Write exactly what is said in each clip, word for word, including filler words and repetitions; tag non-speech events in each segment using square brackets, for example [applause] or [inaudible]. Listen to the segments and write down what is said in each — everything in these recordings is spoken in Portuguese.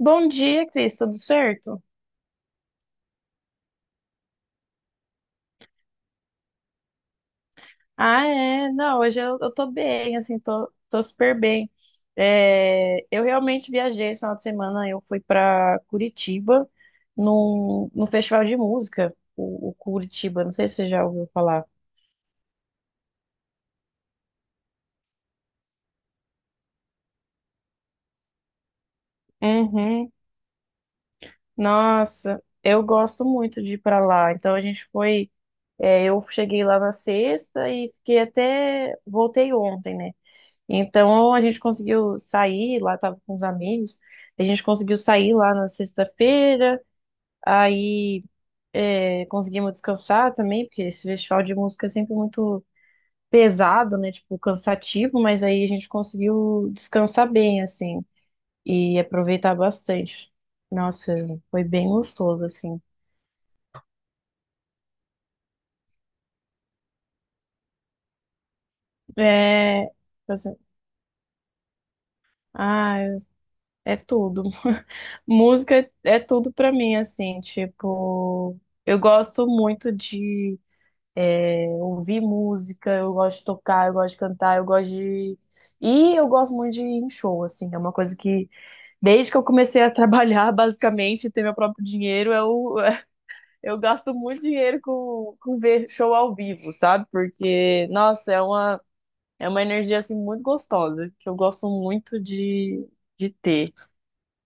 Bom dia, Cris, tudo certo? Ah, é, não, hoje eu, eu tô bem, assim, tô, tô super bem. É, eu realmente viajei esse final de semana, eu fui pra Curitiba num, num festival de música, o, o Curitiba, não sei se você já ouviu falar. Uhum. Nossa, eu gosto muito de ir pra lá, então a gente foi, é, eu cheguei lá na sexta e fiquei até, voltei ontem, né? Então a gente conseguiu sair lá, tava com os amigos, a gente conseguiu sair lá na sexta-feira, aí é, conseguimos descansar também, porque esse festival de música é sempre muito pesado, né? Tipo, cansativo, mas aí a gente conseguiu descansar bem, assim, e aproveitar bastante. Nossa, foi bem gostoso, assim. É, assim, ah, é tudo. [laughs] Música é tudo pra mim, assim, tipo, eu gosto muito de Eu ouvi música, eu gosto de tocar, eu gosto de cantar, eu gosto de. E eu gosto muito de ir em show, assim. É uma coisa que, desde que eu comecei a trabalhar, [laughs] basicamente, ter meu próprio dinheiro, eu, [laughs] eu gasto muito dinheiro com, com ver show ao vivo, sabe? Porque, nossa, é uma, é uma energia, assim, muito gostosa, que eu gosto muito de, de ter.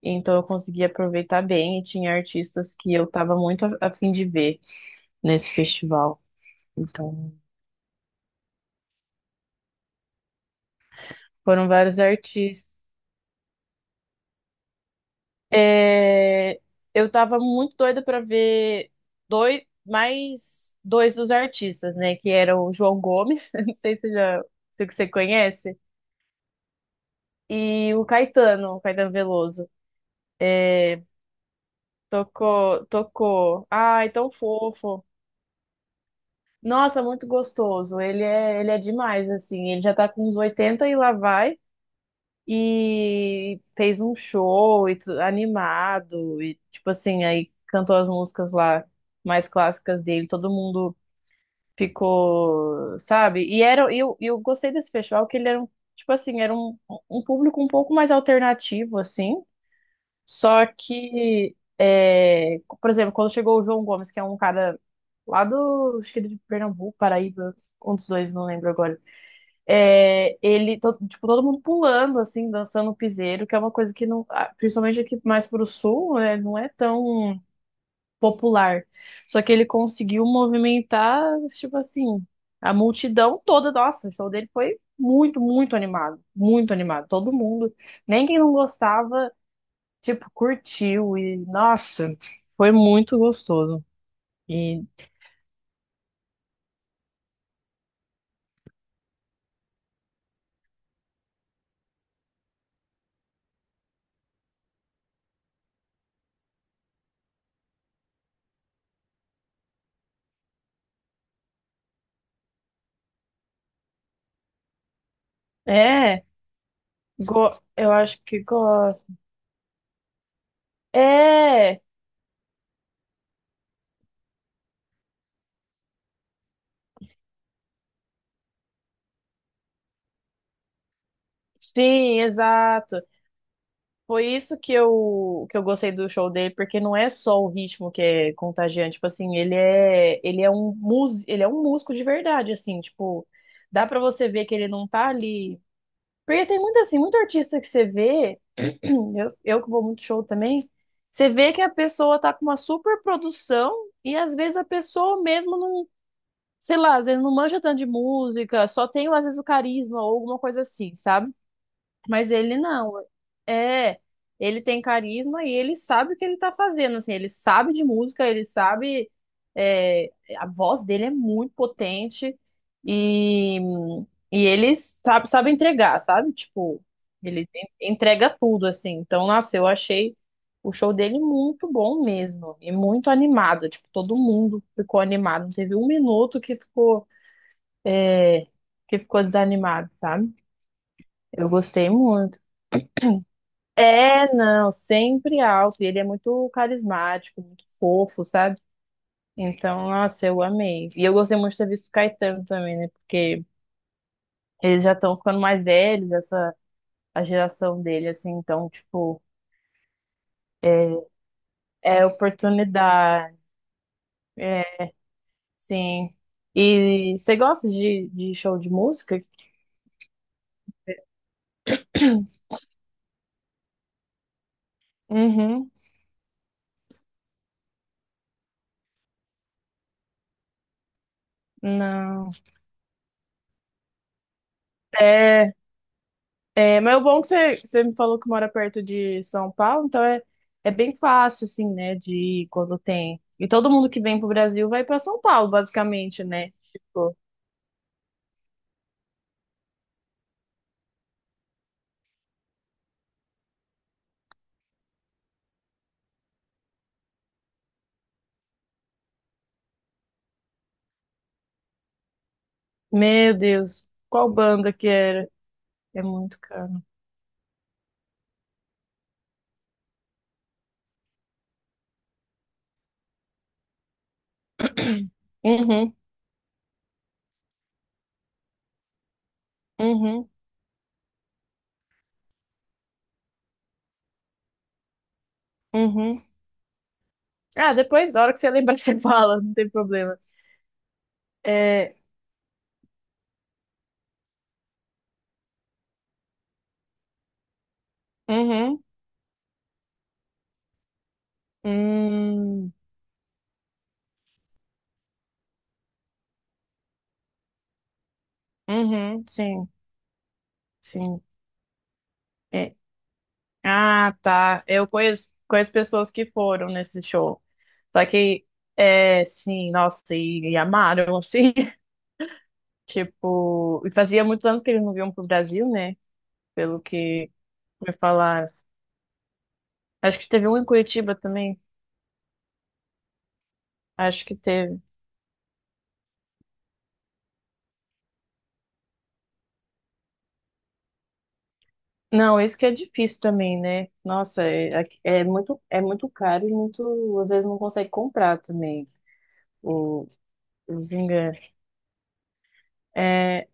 Então, eu consegui aproveitar bem e tinha artistas que eu tava muito a, a fim de ver nesse festival. Então, foram vários artistas. É, eu tava muito doida pra ver dois, mais dois dos artistas, né? Que eram o João Gomes, [laughs] não sei se, já, se você conhece, e o Caetano, o Caetano Veloso. Tocou, tocou. Ai, tão fofo. Nossa, muito gostoso. Ele é, ele é demais, assim. Ele já tá com uns oitenta e lá vai. E fez um show e tu- animado. E, tipo assim, aí cantou as músicas lá mais clássicas dele. Todo mundo ficou, sabe? E era, e eu, e eu gostei desse festival que ele era um, tipo assim, era um, um público um pouco mais alternativo, assim. Só que, é, por exemplo, quando chegou o João Gomes, que é um cara lá do, acho que de Pernambuco, Paraíba, um dos dois, não lembro agora. É, ele, to- tipo, todo mundo pulando, assim, dançando piseiro, que é uma coisa que não, ah, principalmente aqui mais pro sul, né, não é tão popular. Só que ele conseguiu movimentar, tipo assim, a multidão toda. Nossa, o show dele foi muito, muito animado. Muito animado. Todo mundo, nem quem não gostava, tipo, curtiu. E, nossa, foi muito gostoso. E é, go- eu acho que gosto. É, sim, exato. Foi isso que eu, que eu gostei do show dele, porque não é só o ritmo que é contagiante, tipo assim, ele é, ele é um músico, ele é um músico de verdade, assim, tipo, dá pra você ver que ele não tá ali. Porque tem muito assim, muito artista que você vê, [clears throat] eu, eu que vou muito show também, você vê que a pessoa tá com uma super produção e às vezes a pessoa mesmo não, sei lá, às vezes não manja tanto de música, só tem às vezes o carisma ou alguma coisa assim, sabe? Mas ele não. É, ele tem carisma e ele sabe o que ele tá fazendo, assim, ele sabe de música, ele sabe, é, a voz dele é muito potente e, e ele sabe, sabe entregar, sabe? Tipo, ele en- entrega tudo, assim. Então, nossa, eu achei o show dele muito bom mesmo e muito animado, tipo, todo mundo ficou animado, não teve um minuto que ficou, que ficou desanimado, sabe? Eu gostei muito. É, não, sempre alto. E ele é muito carismático, muito fofo, sabe? Então, nossa, eu amei. E eu gostei muito de ter visto o Caetano também, né? Porque eles já estão ficando mais velhos, essa a geração dele, assim. Então, tipo, é oportunidade. É, sim. E você gosta de, de show de música? Uhum. Não. É, É, mas o bom que você, você me falou que mora perto de São Paulo, então é, é bem fácil, assim, né, de ir quando tem. E todo mundo que vem pro Brasil vai para São Paulo, basicamente, né? Tipo, meu Deus, qual banda que era? É muito caro. Uhum, uhum, uhum. Ah, depois, a hora que você lembrar, [laughs] você fala, não tem problema. É, uhum, hum, uhum, sim, sim. É. Ah, tá. Eu conheço, conheço pessoas que foram nesse show. Só que, é, sim, nossa, e, e amaram, assim. [laughs] Tipo, e fazia muitos anos que eles não vinham pro Brasil, né? Pelo que me falaram. Acho que teve um em Curitiba também. Acho que teve. Não, isso que é difícil também, né? Nossa, é, aqui- é muito, é muito caro e muito, às vezes não consegue comprar também o, os ingressos. É,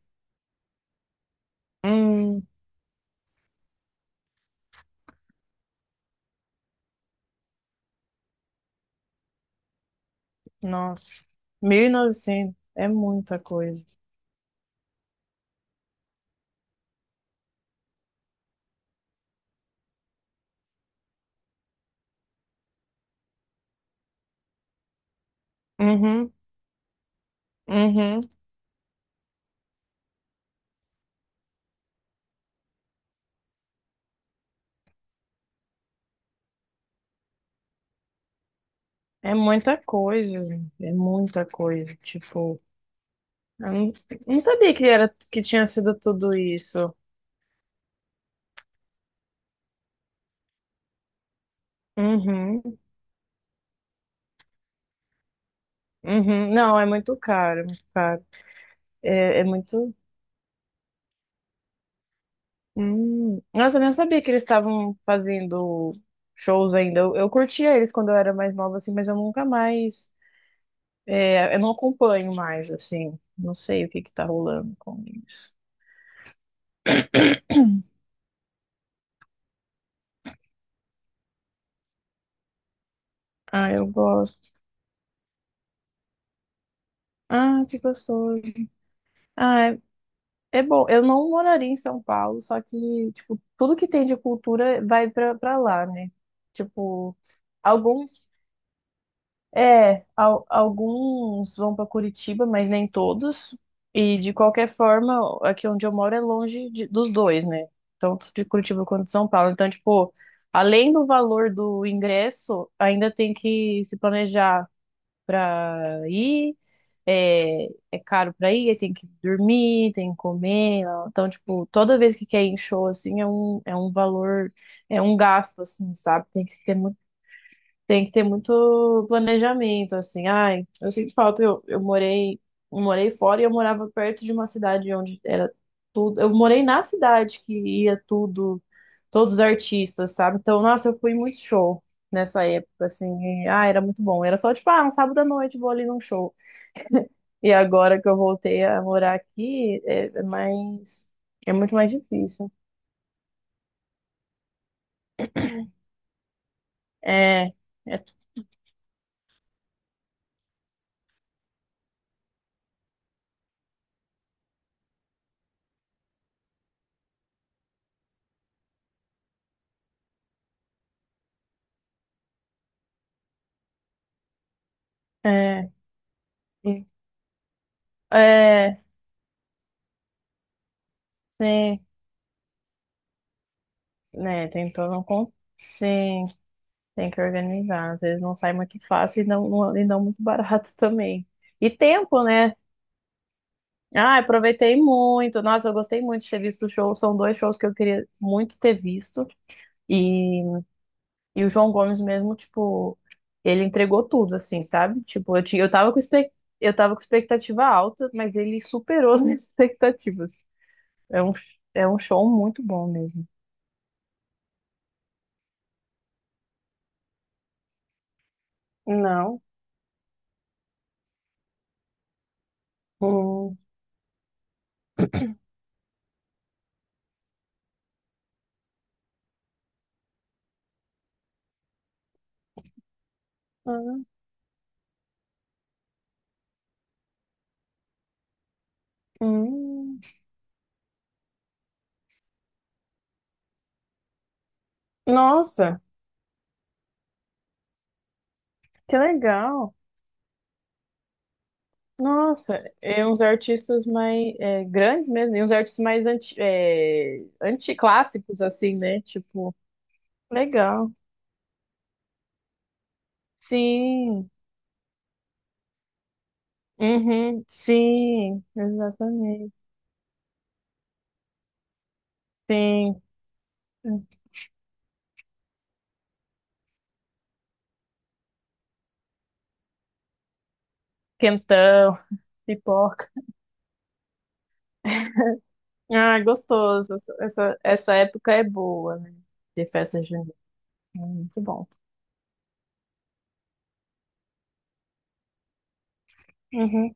hum, nossa, mil e novecentos é muita coisa. Uhum, uhum. É muita coisa, é muita coisa. Tipo, eu não, não sabia que era que tinha sido tudo isso. Uhum, uhum. Não, é muito caro, é muito caro. É, é muito. Hum. Nossa, eu não sabia que eles estavam fazendo shows ainda. Eu, eu curtia eles quando eu era mais nova, assim, mas eu nunca mais. É, eu não acompanho mais, assim. Não sei o que que tá rolando com isso. Ah, eu gosto. Ah, que gostoso. Ah. É bom, eu não moraria em São Paulo, só que, tipo, tudo que tem de cultura vai pra, pra lá, né? Tipo, alguns, é, al- alguns vão pra Curitiba, mas nem todos. E de qualquer forma, aqui onde eu moro é longe de- dos dois, né? Tanto de Curitiba quanto de São Paulo. Então, tipo, além do valor do ingresso, ainda tem que se planejar pra ir é, é caro pra ir, aí tem que dormir, tem que comer. Ó. Então, tipo, toda vez que quer ir em show, assim, é um, é um valor, é um gasto, assim, sabe? Tem que ter muito, tem que ter muito planejamento, assim. Ai, eu sinto falta, eu, eu morei, eu morei fora e eu morava perto de uma cidade onde era tudo. Eu morei na cidade que ia tudo, todos os artistas, sabe? Então, nossa, eu fui em muito show. Nessa época, assim, e, ah, era muito bom. Era só tipo, ah, um sábado à noite vou ali num show. E agora que eu voltei a morar aqui, é é mais, é muito mais difícil. É, é, é, é, sim, né? Tem todo um, con- sim, tem que organizar. Às vezes não sai muito fácil e não, não- e não muito barato [laughs] também. E tempo, né? Ah, aproveitei muito. Nossa, eu gostei muito de ter visto o show. São dois shows que eu queria muito ter visto. E E o João Gomes mesmo, tipo, ele entregou tudo, assim, sabe? Tipo, eu, tinha, eu tava com expec- eu tava com expectativa alta, mas ele superou as minhas [laughs] expectativas. É um, é um show muito bom mesmo. Não. Hum. Ah, hum. Nossa, que legal. Nossa, e uns artistas mais é, grandes mesmo, e uns artistas mais anti, é, anticlássicos, assim, né? Tipo, legal. Sim, uhum, sim, exatamente. Sim, quentão, pipoca. Ah, gostoso. Essa, essa época é boa, né? De festa junina. É muito bom. Uhum.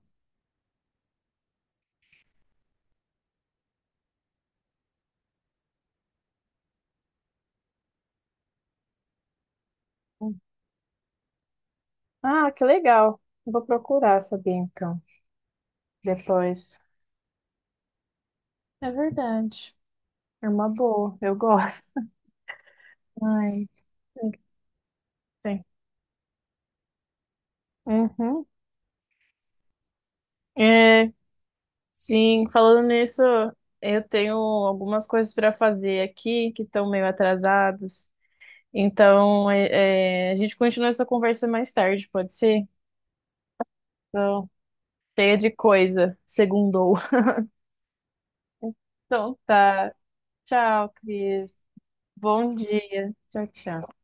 Ah, que legal. Vou procurar saber então, depois. É verdade. É uma boa, eu gosto. Ai, tem que ter. Uhum. É, sim, falando nisso, eu tenho algumas coisas para fazer aqui que estão meio atrasadas. Então, é- é, a gente continua essa conversa mais tarde, pode ser? Então, cheia de coisa, segundou. [laughs] Então tá. Tchau, Cris. Bom dia. Tchau, tchau.